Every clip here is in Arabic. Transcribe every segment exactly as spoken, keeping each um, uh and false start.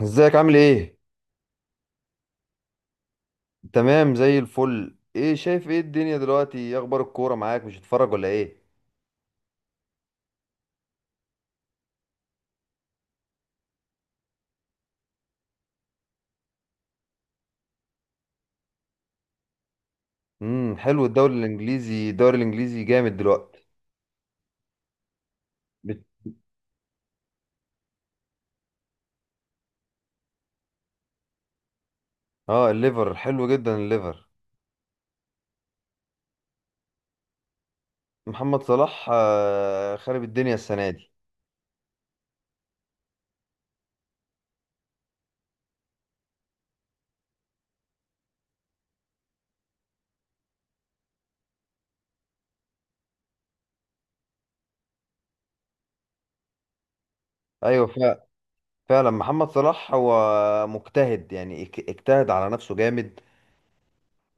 ازيك؟ عامل ايه؟ تمام زي الفل. ايه شايف؟ ايه الدنيا دلوقتي؟ ايه اخبار الكوره معاك؟ مش هتتفرج ولا ايه؟ امم حلو. الدوري الانجليزي الدوري الانجليزي جامد دلوقتي. بت... اه، الليفر حلو جدا، الليفر. محمد صلاح آه خرب الدنيا السنه دي. ايوه فعلا. فعلا محمد صلاح هو مجتهد، يعني اك- اجتهد على نفسه جامد.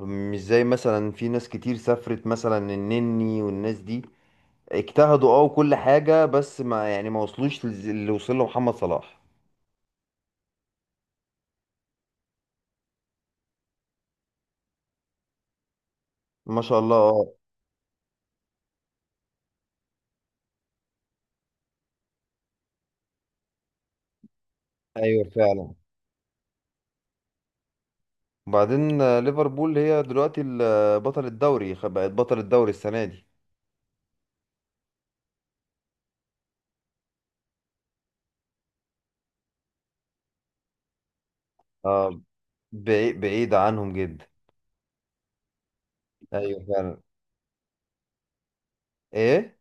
مش زي مثلا، في ناس كتير سافرت مثلا، النني والناس دي اجتهدوا اه وكل حاجه، بس ما يعني ما وصلوش للي وصل له محمد صلاح. ما شاء الله. اه. ايوه فعلا. وبعدين آه، ليفربول هي دلوقتي ال- آه، بطل الدوري، خ- بقت بطل الدوري السنة دي. اه، بعيد بعيد عنهم جدا. ايوه فعلا. ايه؟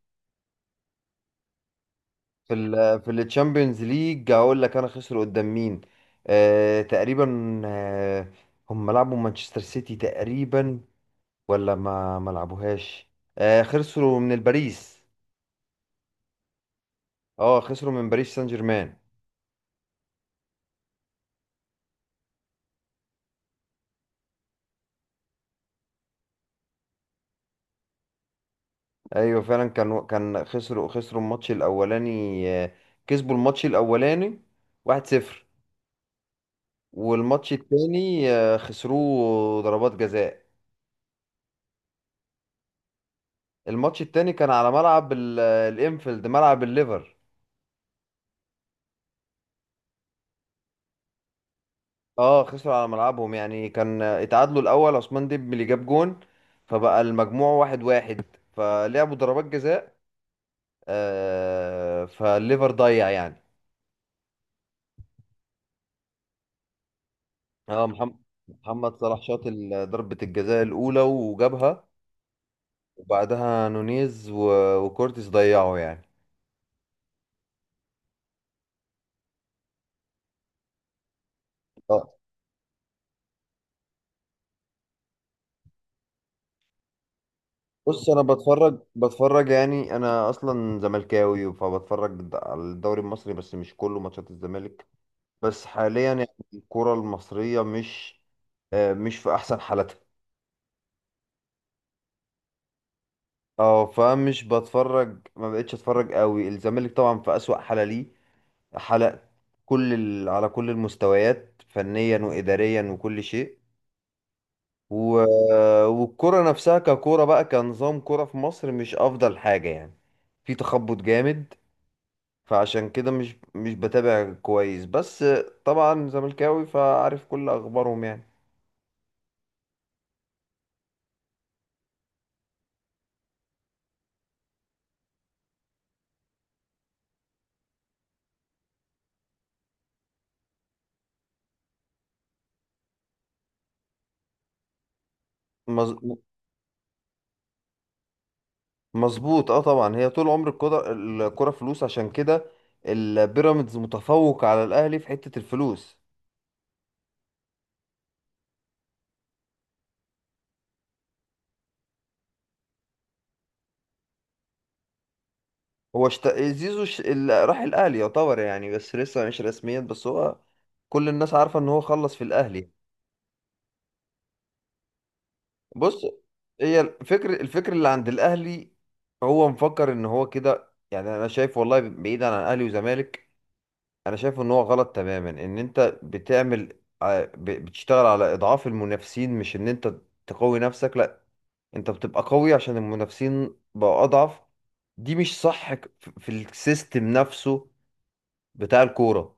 في ال في التشامبيونز ليج هقول لك انا خسروا قدام مين. آه تقريبا. آه، هم لعبوا مانشستر سيتي تقريبا، ولا ما ما لعبوهاش. آه خسروا من الباريس. اه، خسروا من باريس سان جيرمان. ايوه فعلا. كان كان خسروا خسروا الماتش الاولاني. آه، كسبوا الماتش الاولاني واحد صفر، والماتش التاني آه، خسروه ضربات جزاء. الماتش التاني كان على ملعب ال- الانفيلد، ملعب الليفر. اه، خسروا على ملعبهم يعني. كان آه، اتعادلوا الاول، عثمان ديمبلي اللي جاب جون، فبقى المجموع واحد واحد، فلعبوا ضربات جزاء. آه فالليفر ضيع يعني. اه، محمد محمد صلاح شاط ال- ضربة الجزاء الأولى وجابها، وبعدها نونيز و- وكورتيس ضيعوا يعني. اه. بص، انا بتفرج بتفرج يعني. انا اصلا زملكاوي، فبتفرج د- على الدوري المصري، بس مش كله ماتشات الزمالك. بس حاليا يعني الكرة المصرية مش، آه، مش في احسن حالتها. اه، فمش بتفرج، ما بقتش اتفرج قوي. الزمالك طبعا في اسوأ حالة ليه. حالة كل، ال... على كل المستويات، فنيا واداريا وكل شيء. و... والكرة نفسها ككرة بقى، كنظام كرة في مصر، مش أفضل حاجة يعني. في تخبط جامد. فعشان كده مش مش بتابع كويس، بس طبعا زملكاوي فعارف كل أخبارهم يعني. مز... مظبوط. اه، طبعا هي طول عمر الكرة، الكرة فلوس. عشان كده البيراميدز متفوق على الأهلي في حتة الفلوس. هو شت... زيزو ش... ال... راح الأهلي يعتبر يعني، بس لسه مش رسميا، بس هو كل الناس عارفة إن هو خلص في الأهلي. بص، هي الفكر الفكر اللي عند الاهلي، هو مفكر ان هو كده يعني. انا شايف والله، بعيدا عن اهلي وزمالك، انا شايف ان هو غلط تماما. ان انت بتعمل ع- ب- بتشتغل على اضعاف المنافسين، مش ان انت تقوي نفسك. لا، انت بتبقى قوي عشان المنافسين بقوا اضعف. دي مش صح، ك- ف- في السيستم نفسه بتاع الكورة.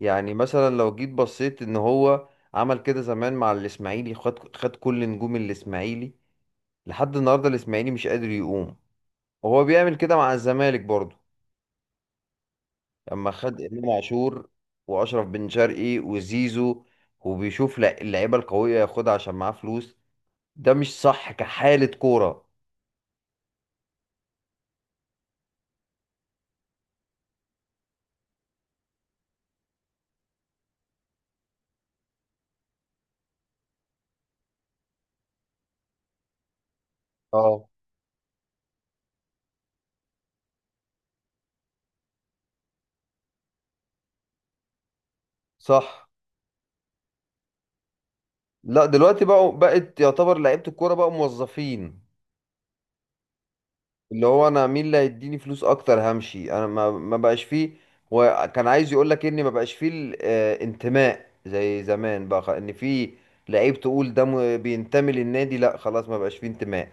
يعني مثلا لو جيت بصيت ان هو عمل كده زمان مع الاسماعيلي، خد، خد كل نجوم الاسماعيلي، لحد النهارده الاسماعيلي مش قادر يقوم. وهو بيعمل كده مع الزمالك برضه، لما خد امام عاشور، واشرف بن شرقي وزيزو. وبيشوف لع- اللعيبه القويه ياخدها عشان معاه فلوس. ده مش صح كحاله كوره. اه، صح لا دلوقتي بقوا بقت يعتبر لعيبه الكوره بقوا موظفين اللي هو انا مين اللي هيديني فلوس اكتر همشي انا ما ما بقاش فيه وكان عايز يقول لك اني ما بقاش فيه الانتماء زي زمان بقى خ- ان في لعيب تقول ده م- بينتمي للنادي لا خلاص ما بقاش فيه انتماء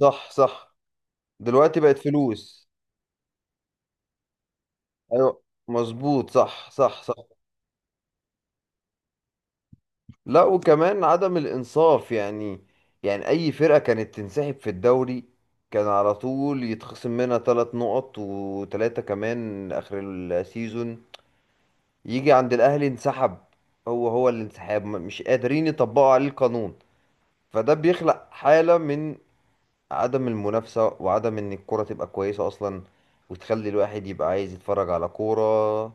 صح صح دلوقتي بقت فلوس ايوه مظبوط صح صح صح. لا، وكمان عدم الانصاف يعني. يعني اي فرقة كانت تنسحب في الدوري كان على طول يتخصم منها ثلاث نقط، وثلاثة كمان اخر السيزون. يجي عند الاهلي انسحب، هو هو الانسحاب، م- مش قادرين يطبقوا عليه القانون. فده بيخلق حالة من عدم المنافسة، وعدم ان الكرة تبقى كويسة اصلا، وتخلي الواحد يبقى عايز يتفرج على كورة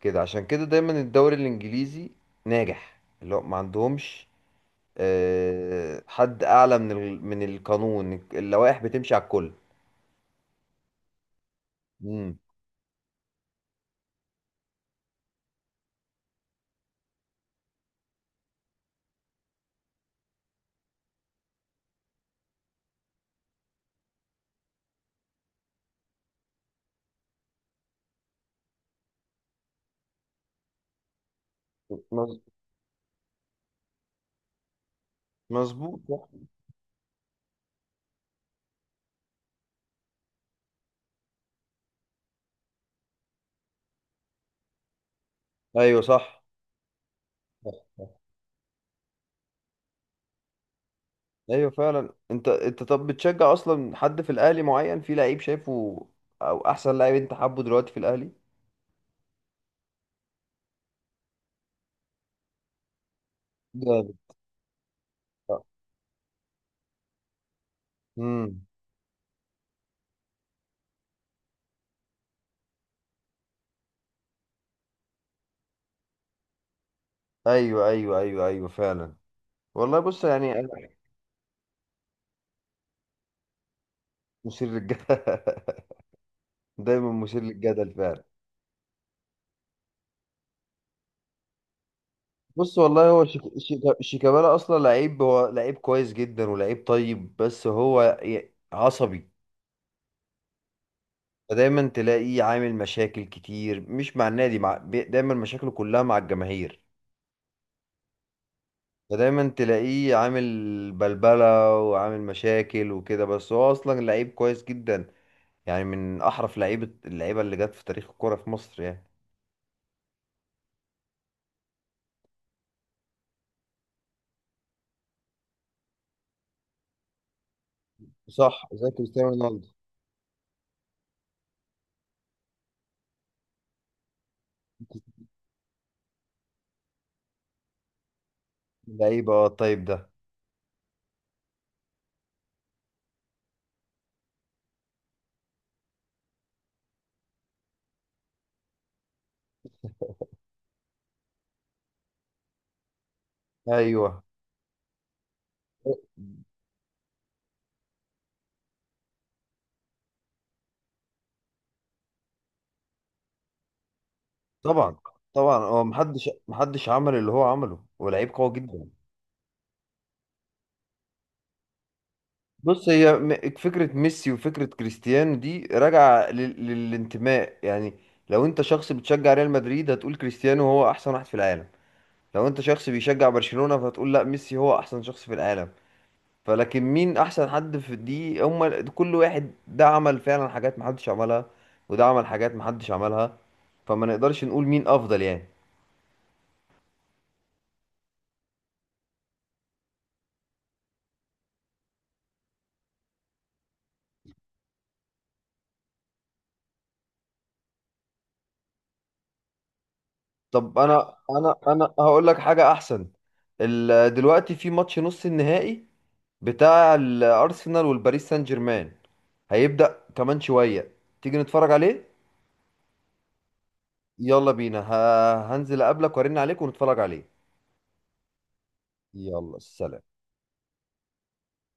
كده. عشان كده دايما الدوري الانجليزي ناجح، اللي هو ما عندهمش آه، حد اعلى من ال- من القانون، اللوائح بتمشي على الكل. مم. مظ- مظبوط. صح. ايوه، صح. صح. ايوه فعلا. انت انت طب بتشجع اصلا حد في الاهلي معين؟ في لعيب شايفه او احسن لعيب انت حابه دلوقتي في الاهلي؟ جامد. امم ايوه ايوه ايوه ايوه فعلا. والله بص، يعني انا... مثير للجدل دايما مثير للجدل فعلا. بص والله، هو شيك- شيك- شيكابالا اصلا لعيب، هو لعيب كويس جدا ولعيب طيب، بس هو ي- عصبي. فدايما تلاقيه عامل مشاكل كتير، مش مع النادي، مع، بي- دايما مشاكله كلها مع الجماهير. ده دايما تلاقيه عامل بلبلة وعامل مشاكل وكده، بس هو أصلا لعيب كويس جدا. يعني من أحرف لعيبة، اللعيبة اللي جت في تاريخ الكورة في مصر يعني. صح، زي كريستيانو رونالدو. لعيبة اه الطيب ده. أيوه. طبعا طبعا، هو محدش، محدش عمل اللي هو عمله. هو لعيب قوي جدا. بص، هي م- فكرة ميسي وفكرة كريستيانو دي راجعة لل- للانتماء يعني. لو انت شخص بتشجع ريال مدريد هتقول كريستيانو هو احسن واحد في العالم. لو انت شخص بيشجع برشلونة فتقول لا، ميسي هو احسن شخص في العالم. فلكن مين احسن حد في دي هم؟ كل واحد ده عمل فعلا حاجات محدش عملها، وده عمل حاجات محدش عملها. فما نقدرش نقول مين افضل يعني. طب انا، انا انا هقول لك حاجة احسن. ال- دلوقتي في ماتش نص النهائي بتاع الارسنال والباريس سان جيرمان، هيبدأ كمان شوية، تيجي نتفرج عليه؟ يلا بينا، ه- هنزل اقابلك وارن عليك ونتفرج عليه. يلا سلام.